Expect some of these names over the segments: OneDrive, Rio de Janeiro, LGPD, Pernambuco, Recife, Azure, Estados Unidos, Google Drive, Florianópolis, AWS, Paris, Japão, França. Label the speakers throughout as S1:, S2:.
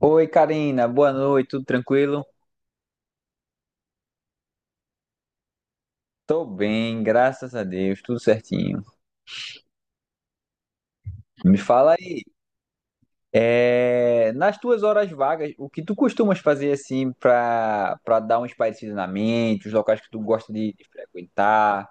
S1: Oi, Karina, boa noite, tudo tranquilo? Tô bem, graças a Deus, tudo certinho. Me fala aí, nas tuas horas vagas, o que tu costumas fazer assim pra dar um espairecida na mente, os locais que tu gosta de frequentar?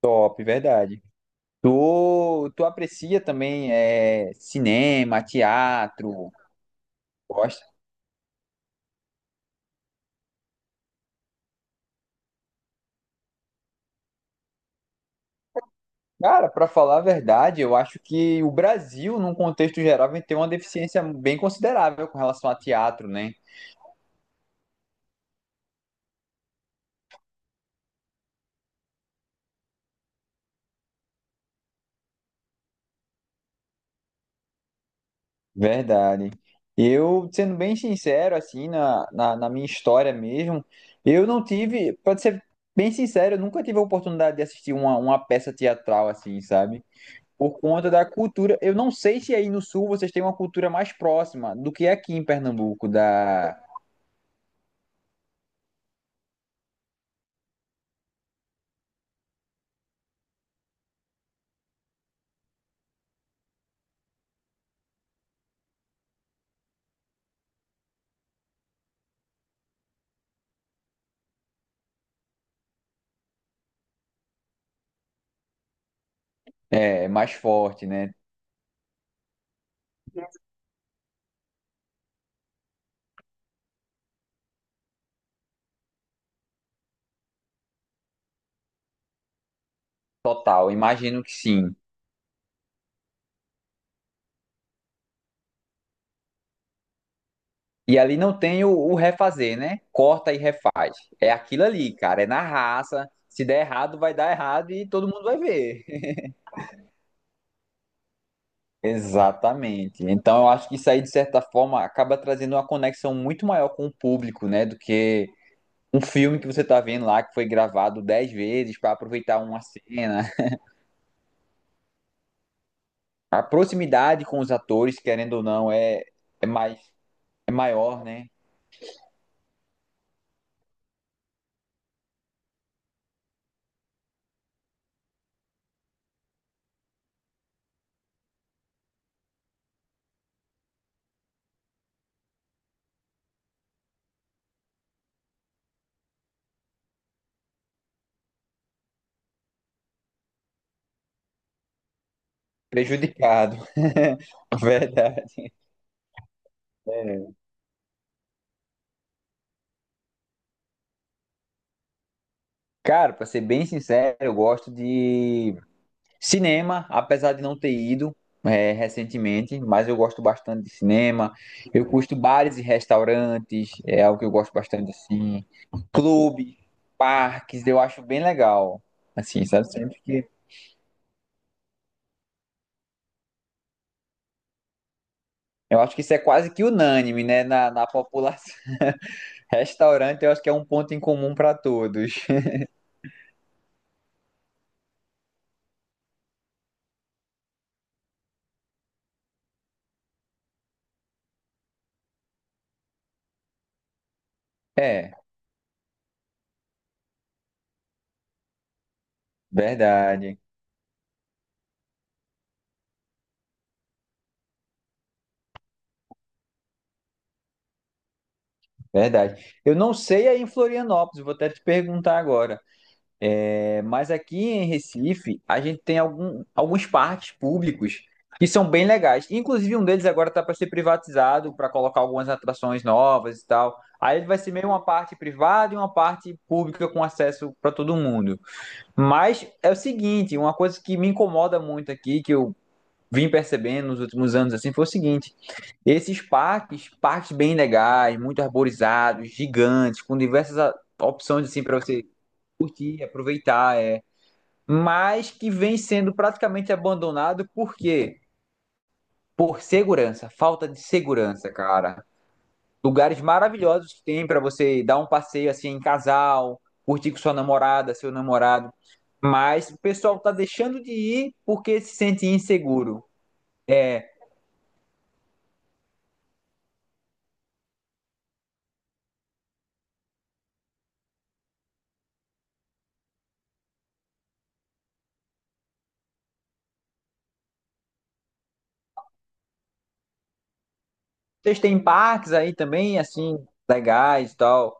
S1: Top, verdade. Tu aprecia também cinema, teatro, gosta? Cara, pra falar a verdade, eu acho que o Brasil, num contexto geral, vem ter uma deficiência bem considerável com relação a teatro, né? Verdade. Eu, sendo bem sincero, assim, na minha história mesmo, eu não tive, pra ser bem sincero, eu nunca tive a oportunidade de assistir uma peça teatral, assim, sabe? Por conta da cultura. Eu não sei se aí no Sul vocês têm uma cultura mais próxima do que aqui em Pernambuco, da, é, mais forte, né? Total, imagino que sim. E ali não tem o refazer, né? Corta e refaz. É aquilo ali, cara, é na raça. Se der errado, vai dar errado e todo mundo vai ver. Exatamente. Então eu acho que isso aí, de certa forma, acaba trazendo uma conexão muito maior com o público, né? Do que um filme que você tá vendo lá que foi gravado 10 vezes para aproveitar uma cena. A proximidade com os atores, querendo ou não, é, é mais é maior, né? Prejudicado. Verdade. É. Cara, pra ser bem sincero, eu gosto de cinema, apesar de não ter ido recentemente, mas eu gosto bastante de cinema. Eu curto bares e restaurantes, é algo que eu gosto bastante assim. Clube, parques, eu acho bem legal. Assim, sabe? Sempre que. Eu acho que isso é quase que unânime, né? Na população. Restaurante, eu acho que é um ponto em comum para todos. É, verdade, verdade. Eu não sei aí em Florianópolis, vou até te perguntar agora. É, mas aqui em Recife, a gente tem algum, alguns parques públicos que são bem legais. Inclusive, um deles agora está para ser privatizado, para colocar algumas atrações novas e tal. Aí ele vai ser meio uma parte privada e uma parte pública com acesso para todo mundo. Mas é o seguinte, uma coisa que me incomoda muito aqui, que eu vim percebendo nos últimos anos assim, foi o seguinte: esses parques, parques bem legais, muito arborizados, gigantes, com diversas opções assim para você curtir, aproveitar. É, mas que vem sendo praticamente abandonado por quê? Por segurança, falta de segurança, cara. Lugares maravilhosos que tem para você dar um passeio assim em casal, curtir com sua namorada, seu namorado, mas o pessoal tá deixando de ir porque se sente inseguro. É, vocês têm parques aí também, assim, legais e tal.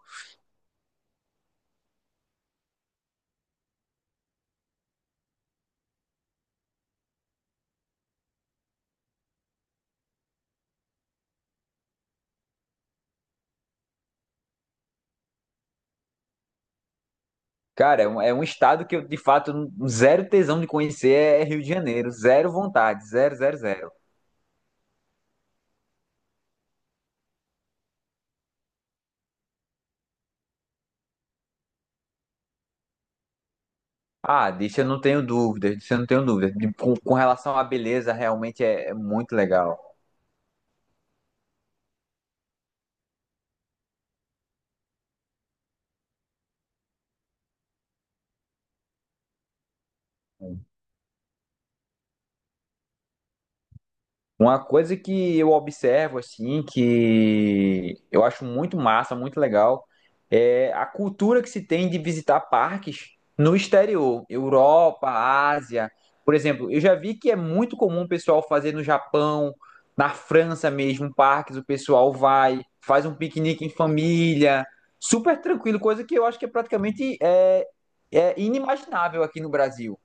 S1: Cara, é um estado que eu, de fato, zero tesão de conhecer é Rio de Janeiro. Zero vontade, zero, zero, zero. Ah, disso eu não tenho dúvidas, disso eu não tenho dúvidas. De- Com relação à beleza, realmente é muito legal. Uma coisa que eu observo, assim, que eu acho muito massa, muito legal, é a cultura que se tem de visitar parques no exterior, Europa, Ásia. Por exemplo, eu já vi que é muito comum o pessoal fazer no Japão, na França mesmo, parques, o pessoal vai, faz um piquenique em família, super tranquilo, coisa que eu acho que é praticamente é inimaginável aqui no Brasil.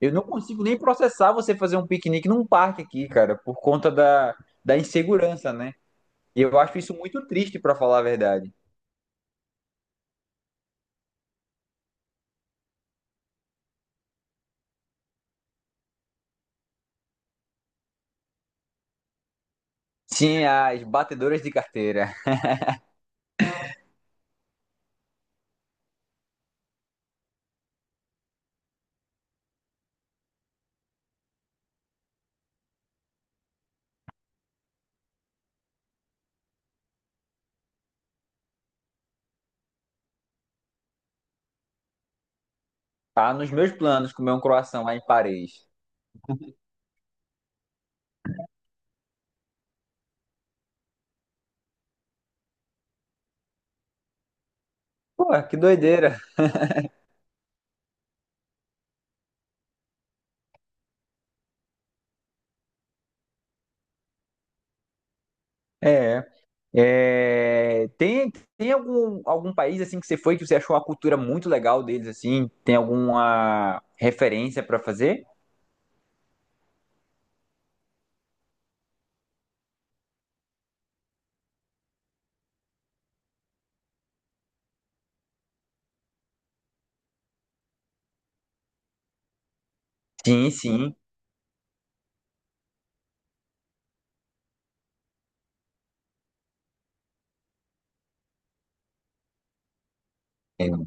S1: Eu não consigo nem processar você fazer um piquenique num parque aqui, cara, por conta da, da insegurança, né? E eu acho isso muito triste, pra falar a verdade. Sim, as batedoras de carteira. Tá nos meus planos comer um croissant lá em Paris. Pô, que doideira. É. É, tem tem algum, algum país assim que você foi que você achou a cultura muito legal deles assim? Tem alguma referência pra fazer? Sim, sim. É um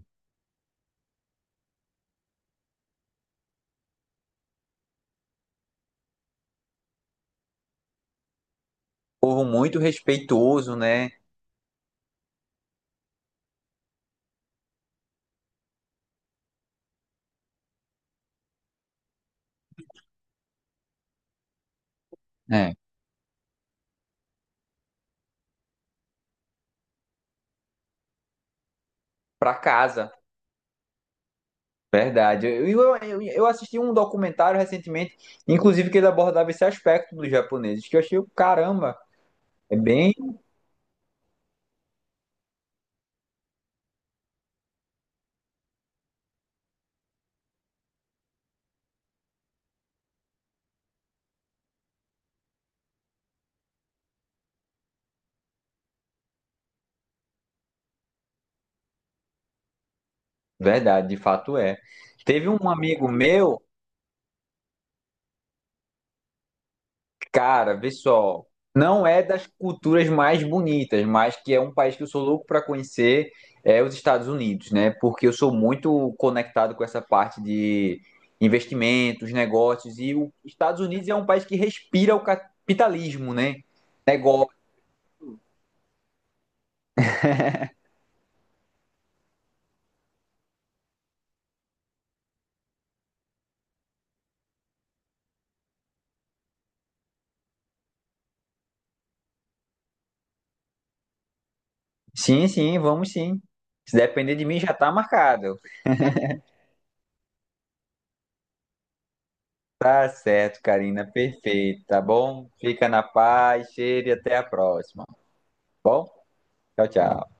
S1: povo muito respeitoso, né? É. Pra casa. Verdade. Eu assisti um documentário recentemente, inclusive que ele abordava esse aspecto dos japoneses, que eu achei, caramba, é bem verdade, de fato é. Teve um amigo meu, cara, vê só, não é das culturas mais bonitas, mas que é um país que eu sou louco para conhecer, é os Estados Unidos, né? Porque eu sou muito conectado com essa parte de investimentos, negócios, e os Estados Unidos é um país que respira o capitalismo, né? Sim, sim, vamos sim. Se depender de mim, já tá marcado. Tá certo, Karina, perfeito, tá bom? Fica na paz, cheiro e até a próxima. Bom, tchau, tchau.